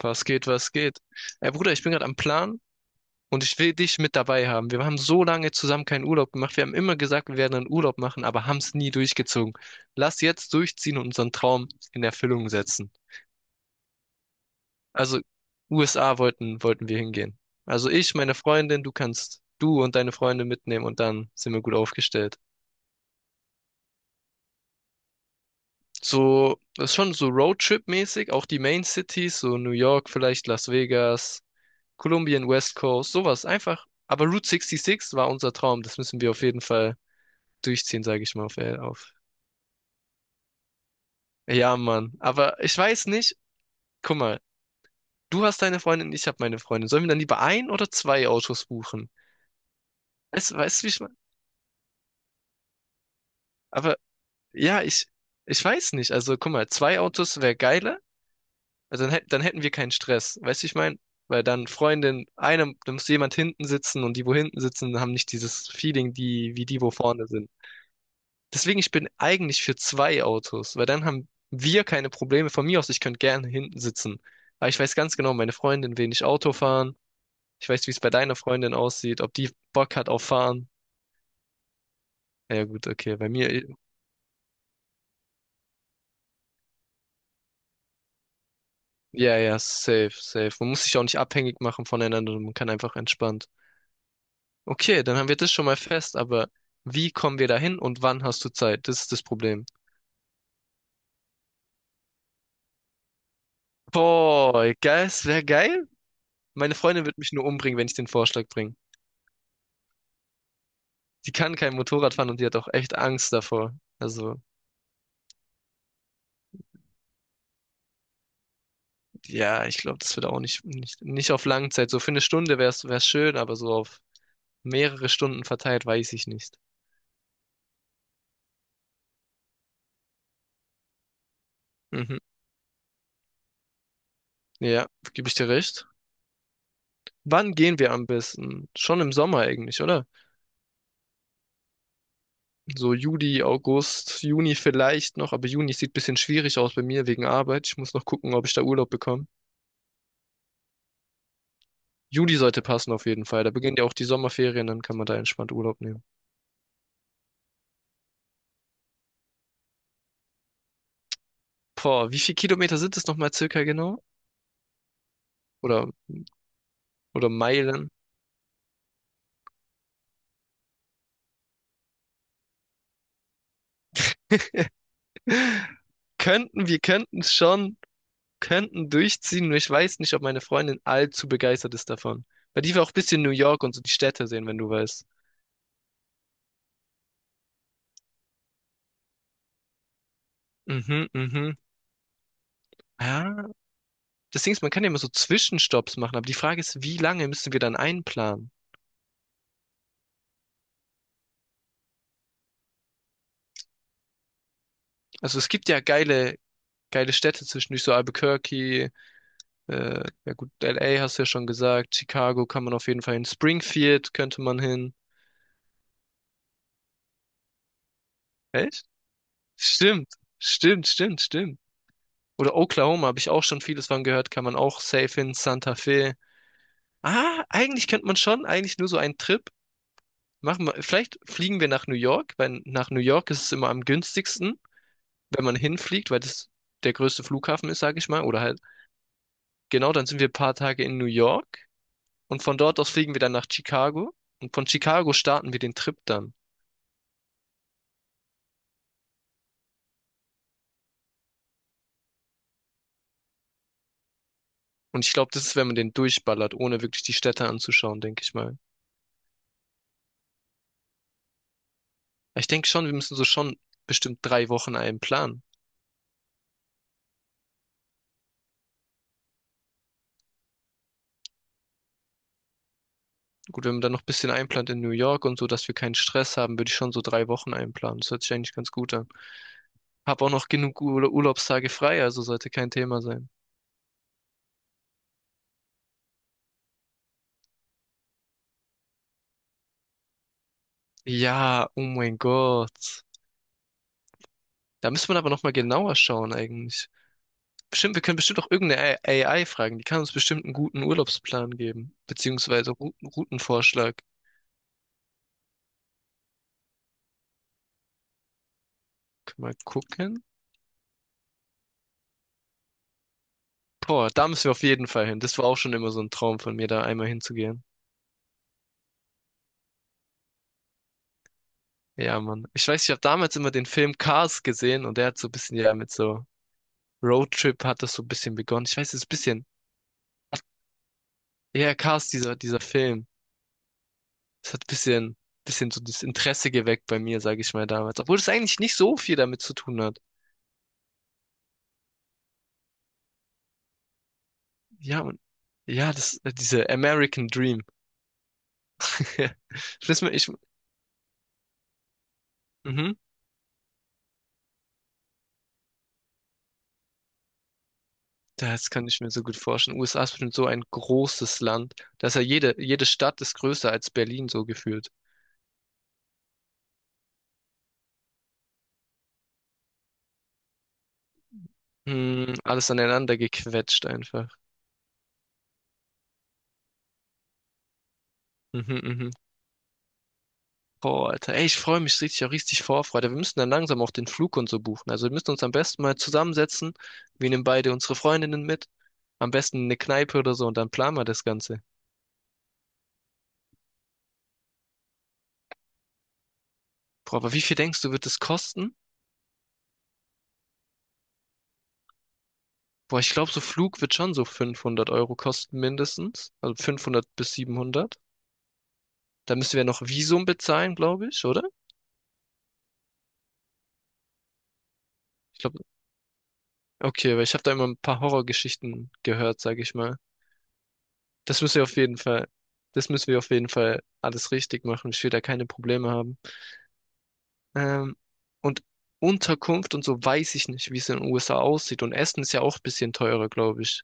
Was geht, was geht? Ey Bruder, ich bin gerade am Plan und ich will dich mit dabei haben. Wir haben so lange zusammen keinen Urlaub gemacht. Wir haben immer gesagt, wir werden einen Urlaub machen, aber haben es nie durchgezogen. Lass jetzt durchziehen und unseren Traum in Erfüllung setzen. Also USA wollten wir hingehen. Also ich, meine Freundin, du kannst du und deine Freunde mitnehmen und dann sind wir gut aufgestellt. So, das ist schon so Roadtrip-mäßig, auch die Main Cities, so New York vielleicht, Las Vegas. Kolumbien, West Coast, sowas. Einfach. Aber Route 66 war unser Traum. Das müssen wir auf jeden Fall durchziehen, sage ich mal auf, auf. Ja, Mann. Aber ich weiß nicht. Guck mal, du hast deine Freundin, ich habe meine Freundin. Sollen wir dann lieber ein oder zwei Autos buchen? Weißt du, wie ich meine? Aber ja, ich weiß nicht. Also, guck mal, zwei Autos wäre geiler. Also, dann hätten wir keinen Stress. Weißt du, wie ich meine? Weil dann Freundin, einer, da muss jemand hinten sitzen und die, wo hinten sitzen, haben nicht dieses Feeling, die, wie die, wo vorne sind. Deswegen, ich bin eigentlich für zwei Autos, weil dann haben wir keine Probleme. Von mir aus, ich könnte gerne hinten sitzen. Aber ich weiß ganz genau, meine Freundin will nicht Auto fahren. Ich weiß, wie es bei deiner Freundin aussieht, ob die Bock hat auf Fahren. Ja gut, okay, bei mir, ja, ja, safe, safe. Man muss sich auch nicht abhängig machen voneinander, man kann einfach entspannt. Okay, dann haben wir das schon mal fest, aber wie kommen wir dahin und wann hast du Zeit? Das ist das Problem. Boah, geil, es wäre geil. Meine Freundin wird mich nur umbringen, wenn ich den Vorschlag bringe. Die kann kein Motorrad fahren und die hat auch echt Angst davor. Also, ja, ich glaube, das wird auch nicht auf Langzeit. So für eine Stunde wäre es schön, aber so auf mehrere Stunden verteilt, weiß ich nicht. Mhm. Ja, gebe ich dir recht. Wann gehen wir am besten? Schon im Sommer eigentlich, oder? So Juli, August, Juni vielleicht noch, aber Juni sieht ein bisschen schwierig aus bei mir wegen Arbeit. Ich muss noch gucken, ob ich da Urlaub bekomme. Juli sollte passen auf jeden Fall. Da beginnen ja auch die Sommerferien, dann kann man da entspannt Urlaub nehmen. Boah, wie viele Kilometer sind es nochmal circa genau? Oder oder Meilen. Wir könnten es schon, könnten durchziehen, nur ich weiß nicht, ob meine Freundin allzu begeistert ist davon. Weil die will auch ein bisschen New York und so die Städte sehen, wenn du weißt. Mhm, mhm. Ja, das Ding ist, man kann ja immer so Zwischenstopps machen, aber die Frage ist, wie lange müssen wir dann einplanen? Also es gibt ja geile Städte zwischendurch, so Albuquerque, ja gut, LA hast du ja schon gesagt, Chicago kann man auf jeden Fall hin, Springfield könnte man hin. Echt? Stimmt, stimmt, stimmt, stimmt. Oder Oklahoma habe ich auch schon vieles von gehört, kann man auch safe hin, Santa Fe. Ah, eigentlich könnte man schon, eigentlich nur so einen Trip machen. Vielleicht fliegen wir nach New York, weil nach New York ist es immer am günstigsten, wenn man hinfliegt, weil das der größte Flughafen ist, sage ich mal. Oder halt, genau, dann sind wir ein paar Tage in New York und von dort aus fliegen wir dann nach Chicago und von Chicago starten wir den Trip dann. Und ich glaube, das ist, wenn man den durchballert, ohne wirklich die Städte anzuschauen, denke ich mal. Ich denke schon, wir müssen so schon bestimmt 3 Wochen einen planen. Gut, wenn man dann noch ein bisschen einplant in New York und so, dass wir keinen Stress haben, würde ich schon so 3 Wochen einplanen. Das hört sich eigentlich ganz gut an. Hab auch noch genug Ur Urlaubstage frei, also sollte kein Thema sein. Ja, oh mein Gott. Da müsste man aber nochmal genauer schauen eigentlich. Bestimmt, wir können bestimmt auch irgendeine AI fragen. Die kann uns bestimmt einen guten Urlaubsplan geben. Beziehungsweise Routenvorschlag. Können wir mal gucken? Boah, da müssen wir auf jeden Fall hin. Das war auch schon immer so ein Traum von mir, da einmal hinzugehen. Ja, Mann. Ich weiß, ich habe damals immer den Film Cars gesehen und der hat so ein bisschen ja mit so Roadtrip hat das so ein bisschen begonnen. Ich weiß, es ist ein bisschen, ja, Cars, dieser Film. Es hat ein bisschen so das Interesse geweckt bei mir, sage ich mal damals. Obwohl es eigentlich nicht so viel damit zu tun hat. Ja, und, ja, diese American Dream. Ich weiß mir, ich, mhm, das kann ich mir so gut vorstellen. USA ist bestimmt so ein großes Land. Da ist ja jede Stadt ist größer als Berlin so gefühlt. Hm, alles aneinander gequetscht einfach. Mhm, mhm. Boah, Alter, ey, ich freue mich richtig, auch richtig Vorfreude. Wir müssen dann langsam auch den Flug und so buchen. Also wir müssen uns am besten mal zusammensetzen. Wir nehmen beide unsere Freundinnen mit. Am besten eine Kneipe oder so und dann planen wir das Ganze. Boah, aber wie viel denkst du, wird das kosten? Boah, ich glaube, so Flug wird schon so 500 € kosten mindestens. Also 500 bis 700. Da müssen wir noch Visum bezahlen, glaube ich, oder? Ich glaube, okay, weil ich habe da immer ein paar Horrorgeschichten gehört, sage ich mal. Das müssen wir auf jeden Fall, das müssen wir auf jeden Fall alles richtig machen. Ich will da keine Probleme haben. Ähm, und Unterkunft und so weiß ich nicht, wie es in den USA aussieht. Und Essen ist ja auch ein bisschen teurer, glaube ich.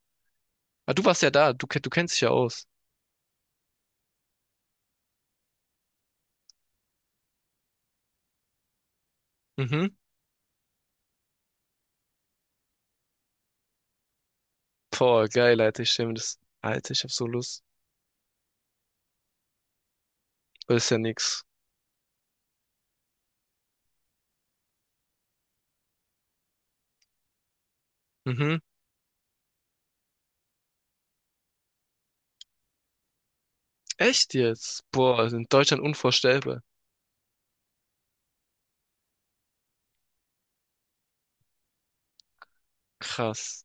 Ah, du warst ja da, du kennst dich ja aus. Mhm. Boah, geil, Alter, ich stell mir das. Alter, ich hab so Lust. Das ist ja nix. Mhm. Echt jetzt? Boah, also in Deutschland unvorstellbar. Krass.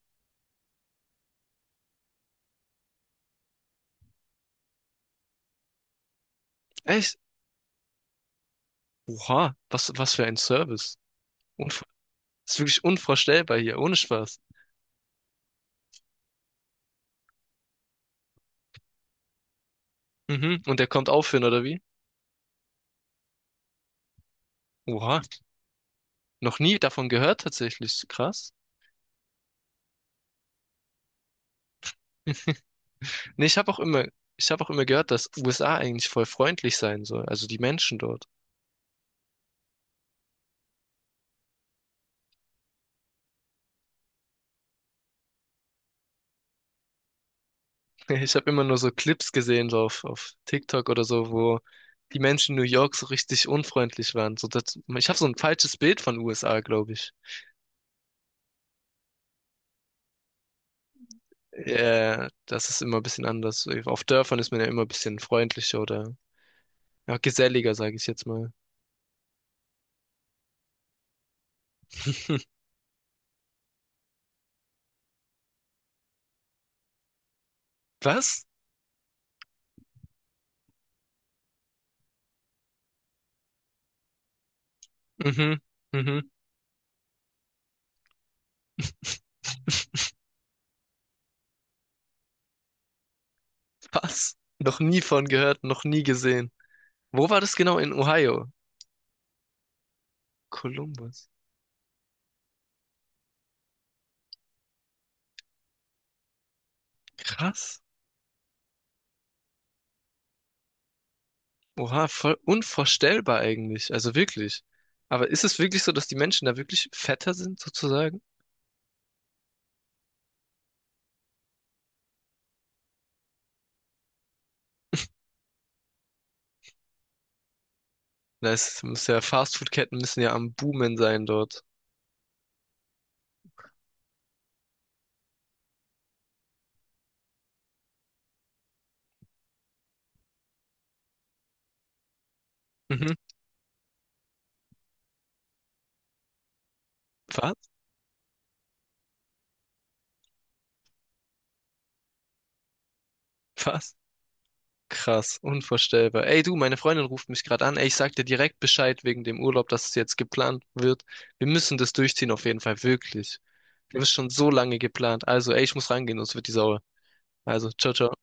Echt? Oha, was für ein Service. Unvor Ist wirklich unvorstellbar hier, ohne Spaß. Mhm. Und der kommt aufhören, oder wie? Oha, noch nie davon gehört tatsächlich. Krass. Nee, ich habe auch immer gehört, dass USA eigentlich voll freundlich sein soll, also die Menschen dort. Ich habe immer nur so Clips gesehen, so auf TikTok oder so, wo die Menschen in New York so richtig unfreundlich waren. Ich habe so ein falsches Bild von USA, glaube ich. Das ist immer ein bisschen anders. Auf Dörfern ist man ja immer ein bisschen freundlicher oder ja, geselliger, sage ich jetzt mal. Was? Mhm, mhm. Was? Noch nie von gehört, noch nie gesehen. Wo war das genau? In Ohio? Columbus. Krass. Oha, voll unvorstellbar eigentlich. Also wirklich. Aber ist es wirklich so, dass die Menschen da wirklich fetter sind, sozusagen? Da ist, muss ja, Fastfood-Ketten müssen ja am Boomen sein dort. Mhm. Was? Was? Krass, unvorstellbar. Ey du, meine Freundin ruft mich gerade an. Ey, ich sag dir direkt Bescheid wegen dem Urlaub, dass es jetzt geplant wird. Wir müssen das durchziehen auf jeden Fall, wirklich. Wir haben es schon so lange geplant. Also, ey, ich muss rangehen, sonst wird die sauer. Also, ciao, ciao.